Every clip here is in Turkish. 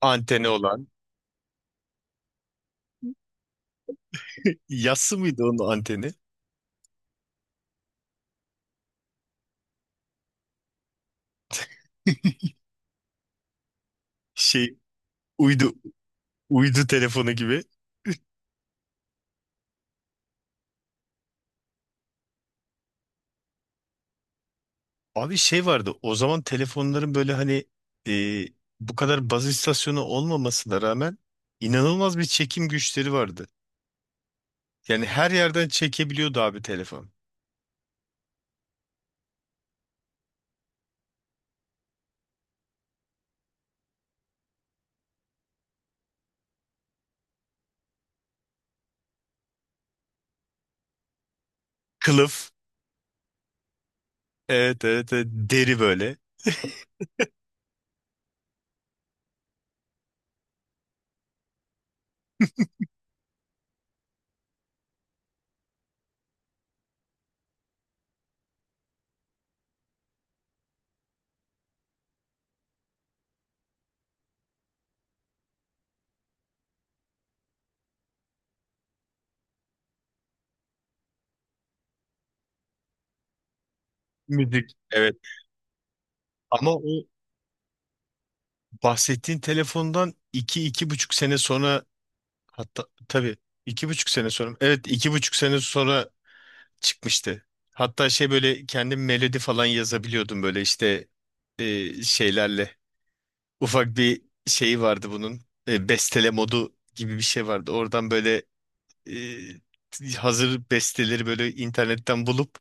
Anteni olan. Yassı mıydı onun anteni? Şey, uydu uydu telefonu gibi. Abi şey vardı o zaman telefonların, böyle hani e, bu kadar baz istasyonu olmamasına rağmen inanılmaz bir çekim güçleri vardı. Yani her yerden çekebiliyordu abi telefon. Kılıf. Evet, evet, evet. Deri böyle. Müzik. Evet. Ama o bahsettiğin telefondan iki, iki buçuk sene sonra, hatta tabii iki buçuk sene sonra, evet iki buçuk sene sonra çıkmıştı. Hatta şey böyle kendim melodi falan yazabiliyordum, böyle işte şeylerle. Ufak bir şeyi vardı bunun. Bestele modu gibi bir şey vardı. Oradan böyle hazır besteleri böyle internetten bulup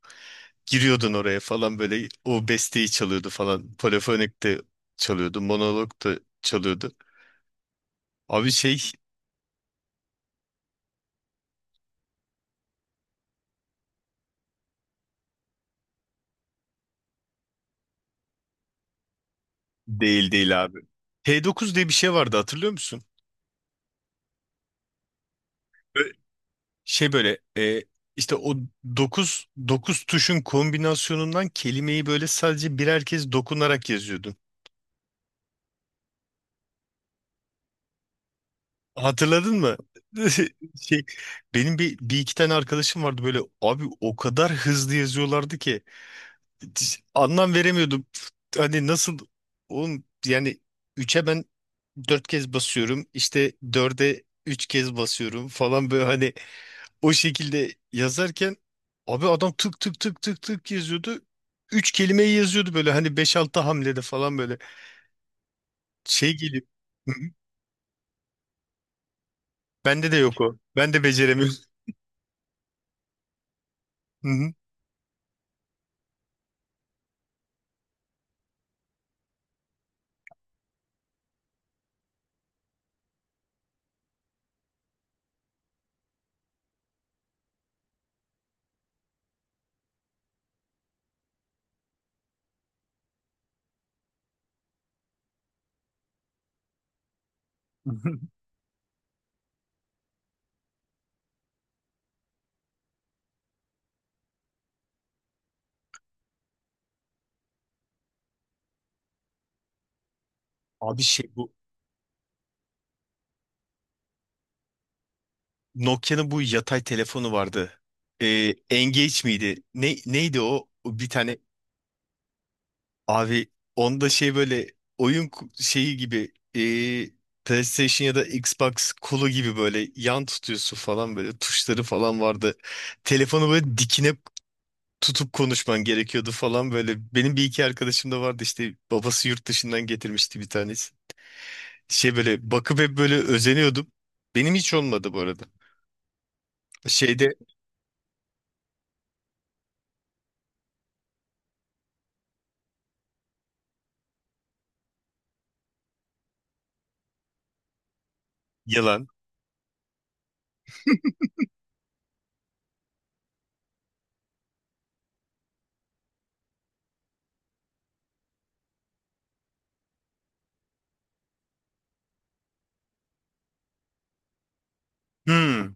giriyordun oraya falan, böyle o besteyi çalıyordu falan. Polifonik de çalıyordu, monolog da çalıyordu. Abi şey, değil değil abi. T9 diye bir şey vardı, hatırlıyor musun? Şey böyle işte o dokuz tuşun kombinasyonundan kelimeyi böyle sadece birer kez dokunarak yazıyordun. Hatırladın mı? Şey, benim bir, bir iki tane arkadaşım vardı, böyle abi o kadar hızlı yazıyorlardı ki hiç anlam veremiyordum. Hani nasıl oğlum, yani üçe ben 4 kez basıyorum, işte dörde 3 kez basıyorum falan böyle, hani o şekilde yazarken abi adam tık tık tık tık tık yazıyordu. Üç kelimeyi yazıyordu böyle hani beş altı hamlede falan böyle. Şey geliyor. Hı hı. Bende de yok o. Ben de beceremiyorum. Hı hı. Abi şey, bu Nokia'nın bu yatay telefonu vardı. Engage miydi? Neydi o? O bir tane... Abi, onda şey böyle, oyun şeyi gibi, PlayStation ya da Xbox kolu gibi böyle yan tutuyorsun falan, böyle tuşları falan vardı. Telefonu böyle dikine tutup konuşman gerekiyordu falan böyle. Benim bir iki arkadaşım da vardı, işte babası yurt dışından getirmişti bir tanesi. Şey böyle bakıp hep böyle özeniyordum. Benim hiç olmadı bu arada. Şeyde yalan. Hmm.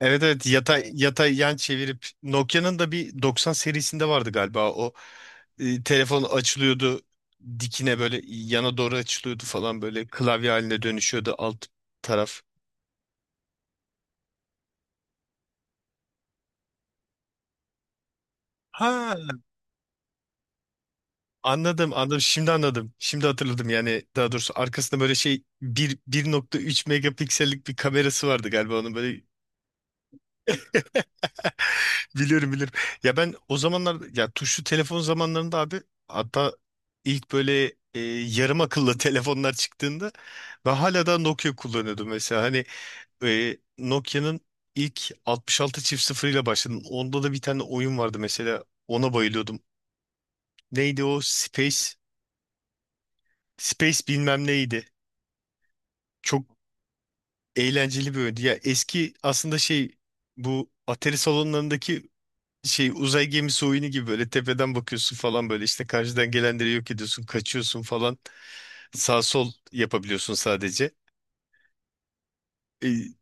Evet, evet, yatay yatay yan çevirip Nokia'nın da bir 90 serisinde vardı galiba o. Telefon açılıyordu dikine, böyle yana doğru açılıyordu falan böyle, klavye haline dönüşüyordu alt taraf. Ha, anladım anladım, şimdi anladım, şimdi hatırladım. Yani daha doğrusu arkasında böyle şey, 1,3 megapiksellik bir kamerası vardı galiba onun böyle. Biliyorum biliyorum, ya ben o zamanlar, ya tuşlu telefon zamanlarında abi, hatta ilk böyle yarım akıllı telefonlar çıktığında ben hala da Nokia kullanıyordum mesela. Hani Nokia'nın ilk 66 çift sıfır ile başladım. Onda da bir tane oyun vardı mesela. Ona bayılıyordum. Neydi o? Space. Space bilmem neydi. Çok eğlenceli bir oyundu. Ya eski, aslında şey, bu Atari salonlarındaki şey uzay gemisi oyunu gibi, böyle tepeden bakıyorsun falan, böyle işte karşıdan gelenleri yok ediyorsun, kaçıyorsun falan. Sağ sol yapabiliyorsun sadece. E,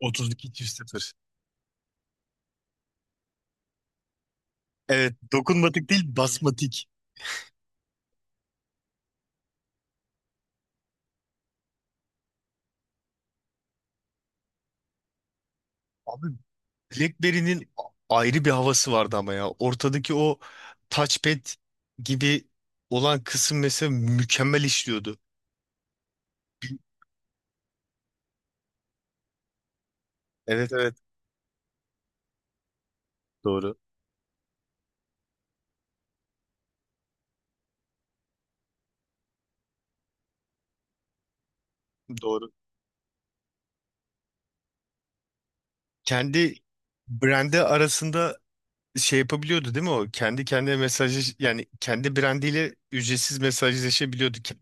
32 çift sıfır. Evet, dokunmatik değil, basmatik. Abi, BlackBerry'nin ayrı bir havası vardı ama ya. Ortadaki o touchpad gibi olan kısım mesela mükemmel işliyordu. Evet, evet, doğru doğru. Kendi brandi arasında şey yapabiliyordu değil mi o? Kendi kendine mesajı, yani kendi brandiyle ücretsiz mesajlaşabiliyordu,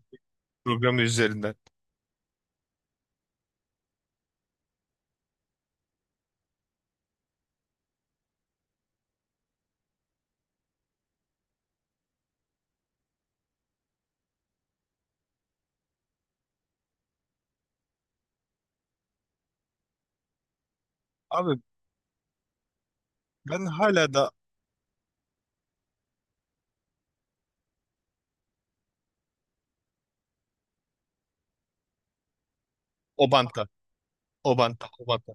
programı üzerinden. Abi, ben hala da Obanta, Obanta, Obanta.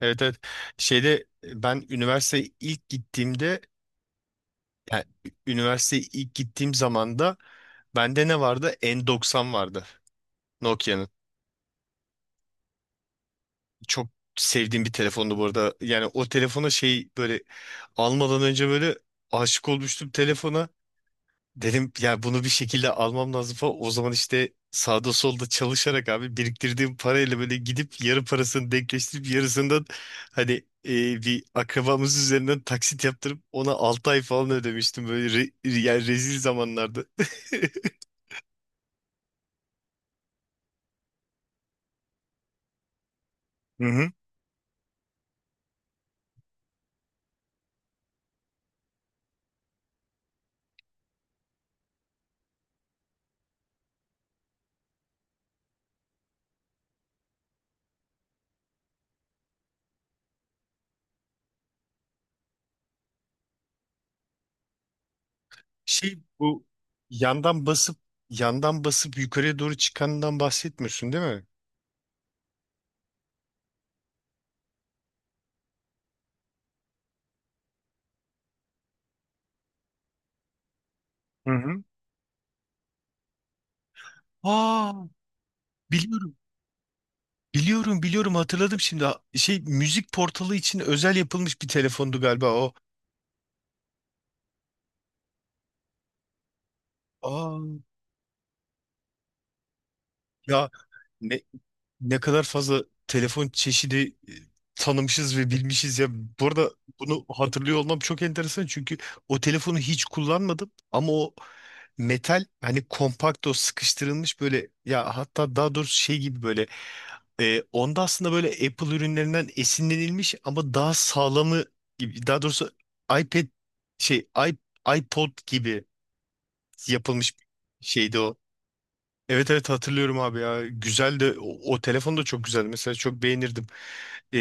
Evet, evet. Şeyde, ben üniversiteye ilk gittiğimde, yani üniversiteye ilk gittiğim zaman da bende ne vardı? N90 vardı Nokia'nın. Çok sevdiğim bir telefondu bu arada. Yani o telefona şey, böyle almadan önce böyle aşık olmuştum telefona. Dedim ya, bunu bir şekilde almam lazım falan. O zaman işte sağda solda çalışarak abi, biriktirdiğim parayla böyle gidip yarı parasını denkleştirip, yarısından hani e, bir akrabamız üzerinden taksit yaptırıp ona 6 ay falan ödemiştim böyle. Yani rezil zamanlardı. Hı hı. Şey, bu yandan basıp yandan basıp yukarıya doğru çıkandan bahsetmiyorsun değil mi? Hı hı. Aa, biliyorum. Biliyorum biliyorum, hatırladım şimdi. Şey, müzik portalı için özel yapılmış bir telefondu galiba o. Aa, ya, ne ne kadar fazla telefon çeşidi e, tanımışız ve bilmişiz ya. Bu arada, bunu hatırlıyor olmam çok enteresan çünkü o telefonu hiç kullanmadım, ama o metal, hani kompakt, o sıkıştırılmış böyle ya, hatta daha doğrusu şey gibi böyle. Onda aslında böyle Apple ürünlerinden esinlenilmiş ama daha sağlamı gibi, daha doğrusu iPad şey, iPod gibi yapılmış şeydi o. Evet, evet, hatırlıyorum abi ya. Güzel de, o telefon da çok güzeldi. Mesela çok beğenirdim. E,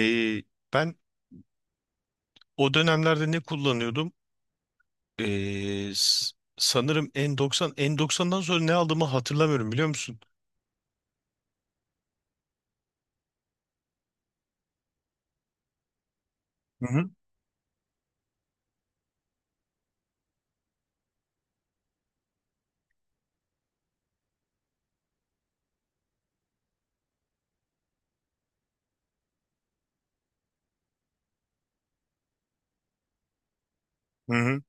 ben o dönemlerde ne kullanıyordum? Sanırım N90. N90'dan sonra ne aldığımı hatırlamıyorum, biliyor musun? Hı hı. Hı hı.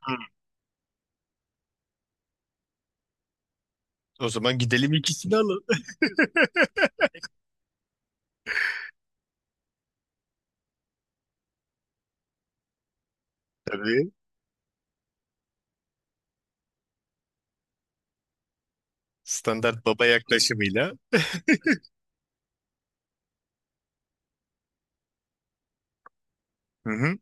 Hı. O zaman gidelim ikisini alalım. Tabii. Standart baba yaklaşımıyla. Hı hı.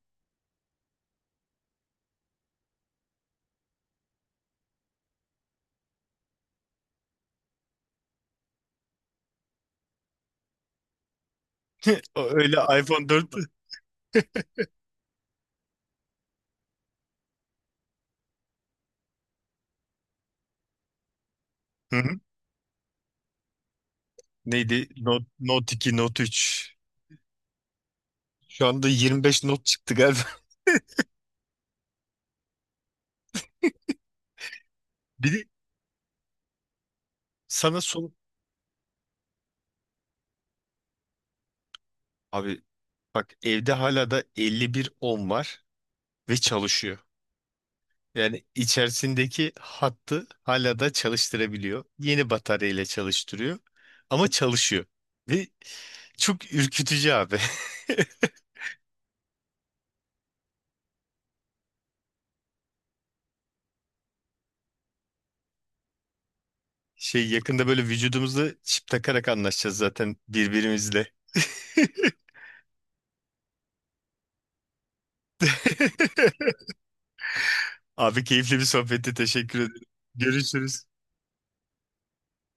O, öyle, iPhone 4. Hı hı. Neydi? Note, Note 2, Note 3. Şu anda 25 Note çıktı galiba. Bir de sana son... Abi bak, evde hala da 51 10 var ve çalışıyor. Yani içerisindeki hattı hala da çalıştırabiliyor. Yeni bataryayla çalıştırıyor. Ama çalışıyor. Ve çok ürkütücü abi. Şey, yakında böyle vücudumuza çip takarak anlaşacağız zaten birbirimizle. Abi, keyifli bir sohbetti. Teşekkür ederim. Görüşürüz.